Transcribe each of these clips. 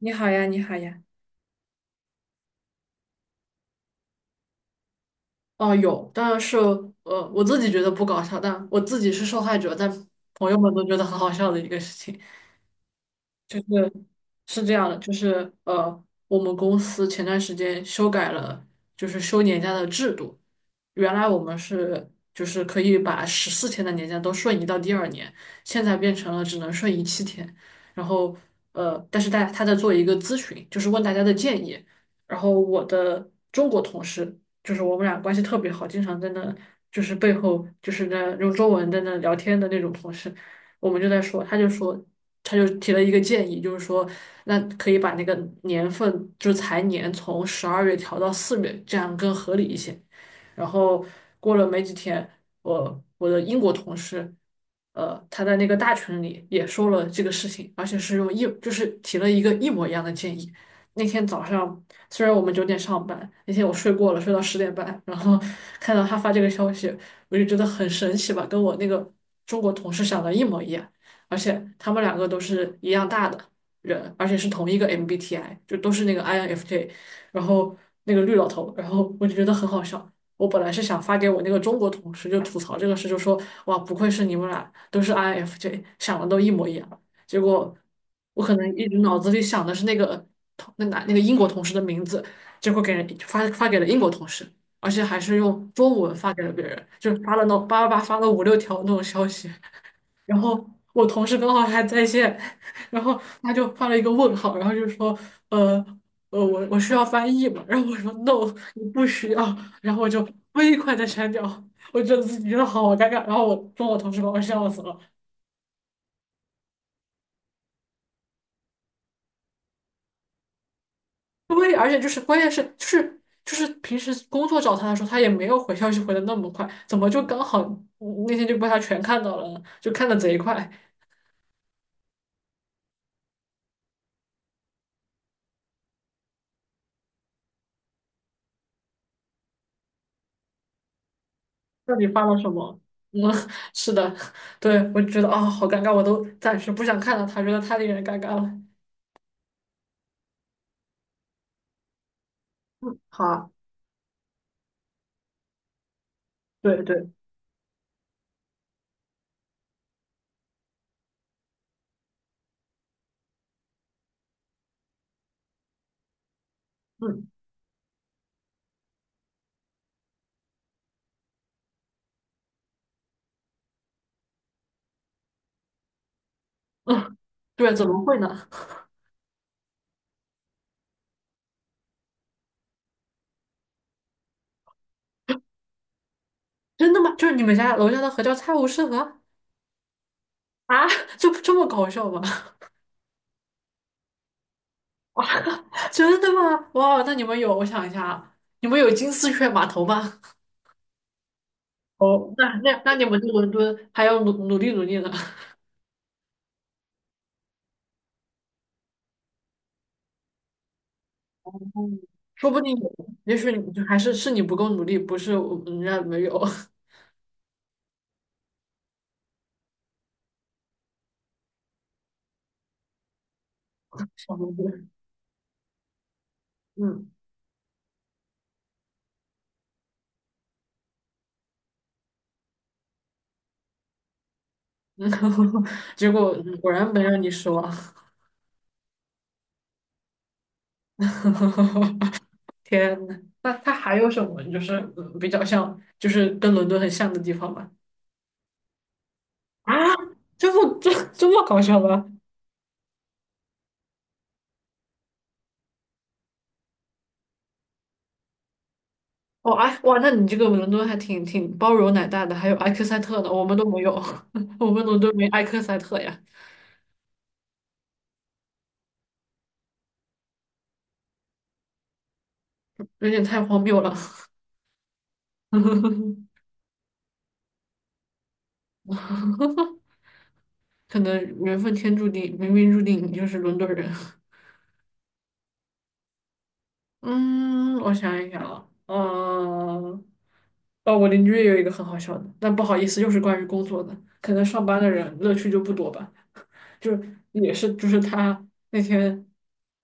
你好呀，你好呀。哦，有，当然是我自己觉得不搞笑，但我自己是受害者，但朋友们都觉得很好笑的一个事情。就是是这样的，就是我们公司前段时间修改了，就是休年假的制度。原来我们是就是可以把14天的年假都瞬移到第二年，现在变成了只能瞬移7天。然后但是他在做一个咨询，就是问大家的建议。然后我的中国同事，就是我们俩关系特别好，经常在那就是背后就是那用中文在那聊天的那种同事。我们就在说，他就说，他就提了一个建议，就是说，那可以把那个年份，就是财年从十二月调到四月，这样更合理一些。然后过了没几天，我的英国同事，他在那个大群里也说了这个事情，而且是就是提了一个一模一样的建议。那天早上。虽然我们九点上班，那天我睡过了，睡到10点半，然后 看到他发这个消息，我就觉得很神奇吧，跟我那个中国同事想的一模一样，而且他们两个都是一样大的人，而且是同一个 MBTI，就都是那个 INFJ，然后那个绿老头，然后我就觉得很好笑。我本来是想发给我那个中国同事，就吐槽这个事，就说哇，不愧是你们俩都是 INFJ，想的都一模一样。结果我可能一直脑子里想的是那个同那男那个英国同事的名字，结果给人发给了英国同事，而且还是用中文发给了别人，就发了那种叭叭叭发了5、6条那种消息，然后我同事刚好还在线，然后他就发了一个问号，然后就说呃。我需要翻译嘛，然后我说 no，你不需要，然后我就飞快的删掉，我觉得自己觉得好尴尬，然后我跟我同事把我笑死了。对，而且就是关键是就是平时工作找他的时候，他也没有回消息回的那么快，怎么就刚好那天就被他全看到了呢就看的贼快，到底发了什么？嗯，是的，对，我就觉得啊、好尴尬，我都暂时不想看到他，觉得太令人尴尬了。好啊，对对，嗯嗯，对，怎么会呢？真的吗？就是你们家楼下的河叫菜无市河啊？就这么搞笑吗？真的吗？哇，那你们有，我想一下啊，你们有金丝雀码头吗？哦，那那那你们去伦敦还要努努力努力呢，嗯说不定有，也许你就还是是你不够努力，不是我人家没有。哦对嗯，嗯 结果果然没让你失望。天呐，那它还有什么就是比较像，就是跟伦敦很像的地方吗？啊，这么这这么搞笑吗？哦，哎，哇，那你这个伦敦还挺挺包容奶大的，还有埃克塞特呢，我们都没有，我们伦敦没埃克塞特呀。有点太荒谬了。可能缘分天注定，冥冥注定你就是伦敦人。嗯，我想一想啊，嗯，哦，我邻居也有一个很好笑的，但不好意思，又是关于工作的，可能上班的人乐趣就不多吧。就是也是就是他那天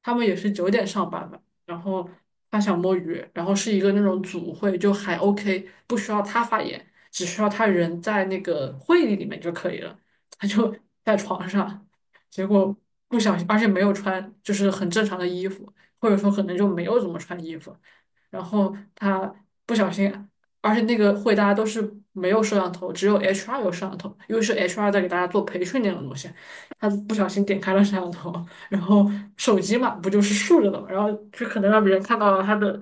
他们也是九点上班嘛，然后他想摸鱼，然后是一个那种组会，就还 OK，不需要他发言，只需要他人在那个会议里面就可以了，他就在床上，结果不小心，而且没有穿就是很正常的衣服，或者说可能就没有怎么穿衣服，然后他不小心。而且那个会大家都是没有摄像头，只有 HR 有摄像头，因为是 HR 在给大家做培训那种东西。他不小心点开了摄像头，然后手机嘛，不就是竖着的嘛，然后就可能让别人看到了他的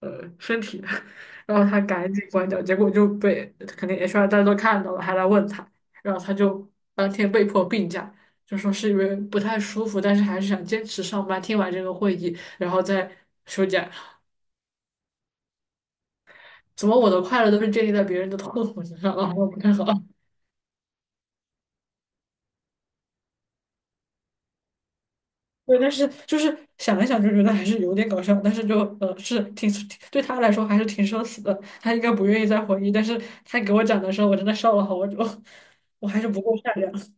身体，然后他赶紧关掉，结果就被肯定 HR 大家都看到了，还来问他，然后他就当天被迫病假，就说是因为不太舒服，但是还是想坚持上班，听完这个会议，然后再休假。怎么我的快乐都是建立在别人的痛苦之上啊？我不太好。对，但是就是想一想就觉得还是有点搞笑，但是就是挺对他来说还是挺社死的，他应该不愿意再回忆，但是他给我讲的时候，我真的笑了好久，我还是不够善良。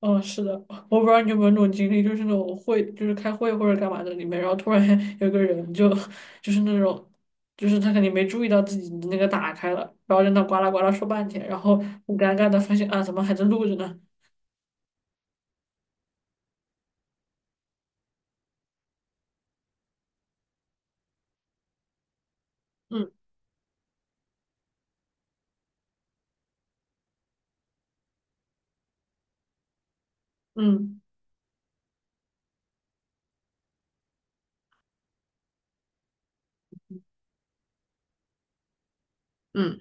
嗯，是的，我不知道你有没有那种经历，就是那种会就是开会或者干嘛的里面，然后突然 有个人就就是那种就是他肯定没注意到自己的那个打开了，然后在那呱啦呱啦说半天，然后很尴尬的发现啊怎么还在录着呢？嗯嗯，嗯，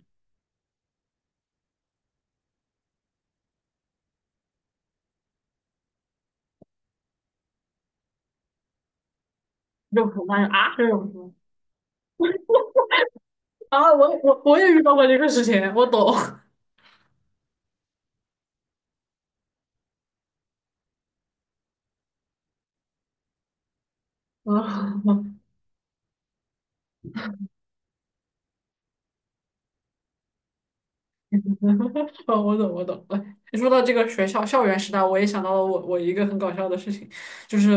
就很尴尬啊这种。啊，我也遇到过这个事情，我懂。啊，哦，我懂，我懂。哎，你说到这个学校校园时代，我也想到了我一个很搞笑的事情，就是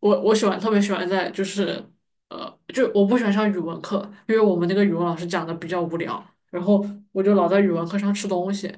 我特别喜欢在就是就我不喜欢上语文课，因为我们那个语文老师讲的比较无聊，然后我就老在语文课上吃东西。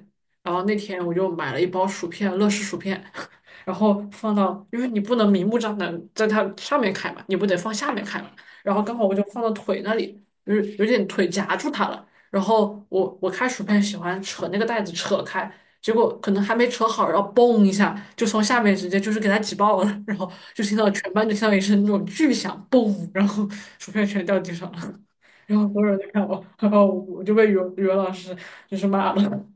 然后那天我就买了一包薯片，乐事薯片，然后放到，因为你不能明目张胆在它上面开嘛，你不得放下面开嘛。然后刚好我就放到腿那里，就是有点腿夹住它了。然后我开薯片喜欢扯那个袋子扯开，结果可能还没扯好，然后嘣一下就从下面直接就是给它挤爆了，然后就听到全班就听到一声那种巨响，嘣，然后薯片全掉地上了，然后所有人都看我，然后我就被语文老师就是骂了，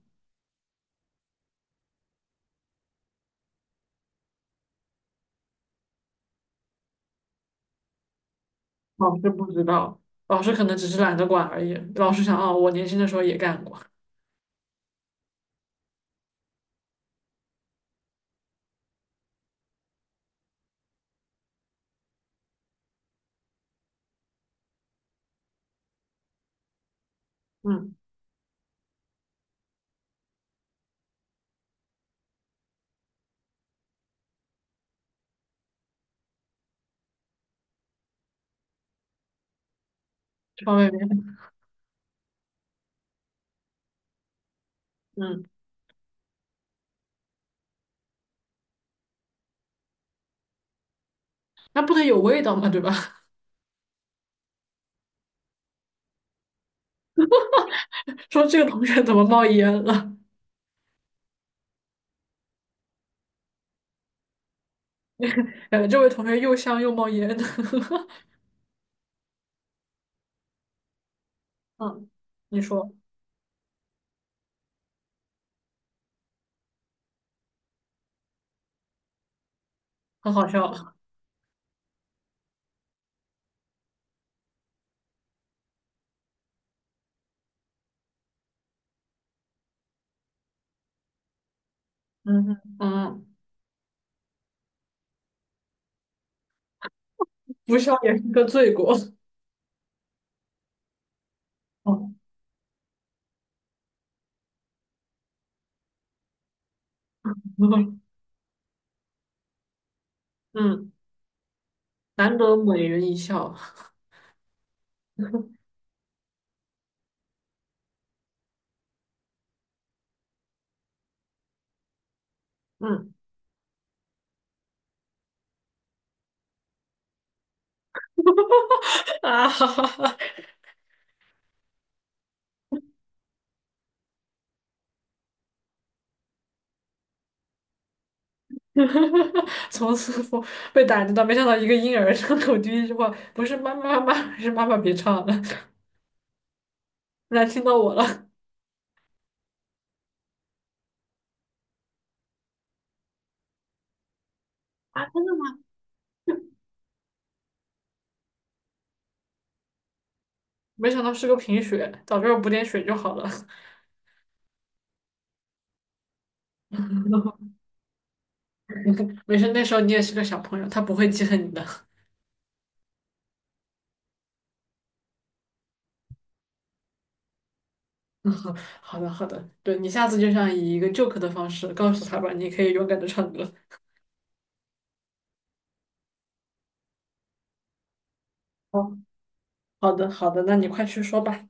老师不知道，老师可能只是懒得管而已，老师想啊，我年轻的时候也干过，嗯，这方面没，嗯，那不得有味道嘛，对吧？说这个同学怎么冒烟了？感觉这位同学又香又冒烟的。嗯你说，很好笑。嗯哼嗯不笑也是个罪过。哦 嗯，难得美人一笑嗯，啊！哈哈哈，从此我被打击到，没想到一个婴儿张口第一句话不是妈妈妈妈，是妈妈别唱了，来听到我了。啊，没想到是个贫血，早知道补点血就好了。没事，那时候你也是个小朋友，他不会记恨你的。好的，好的，对你下次就想以一个 joke 的方式告诉他吧，你可以勇敢的唱歌。好，好的，好的，那你快去说吧。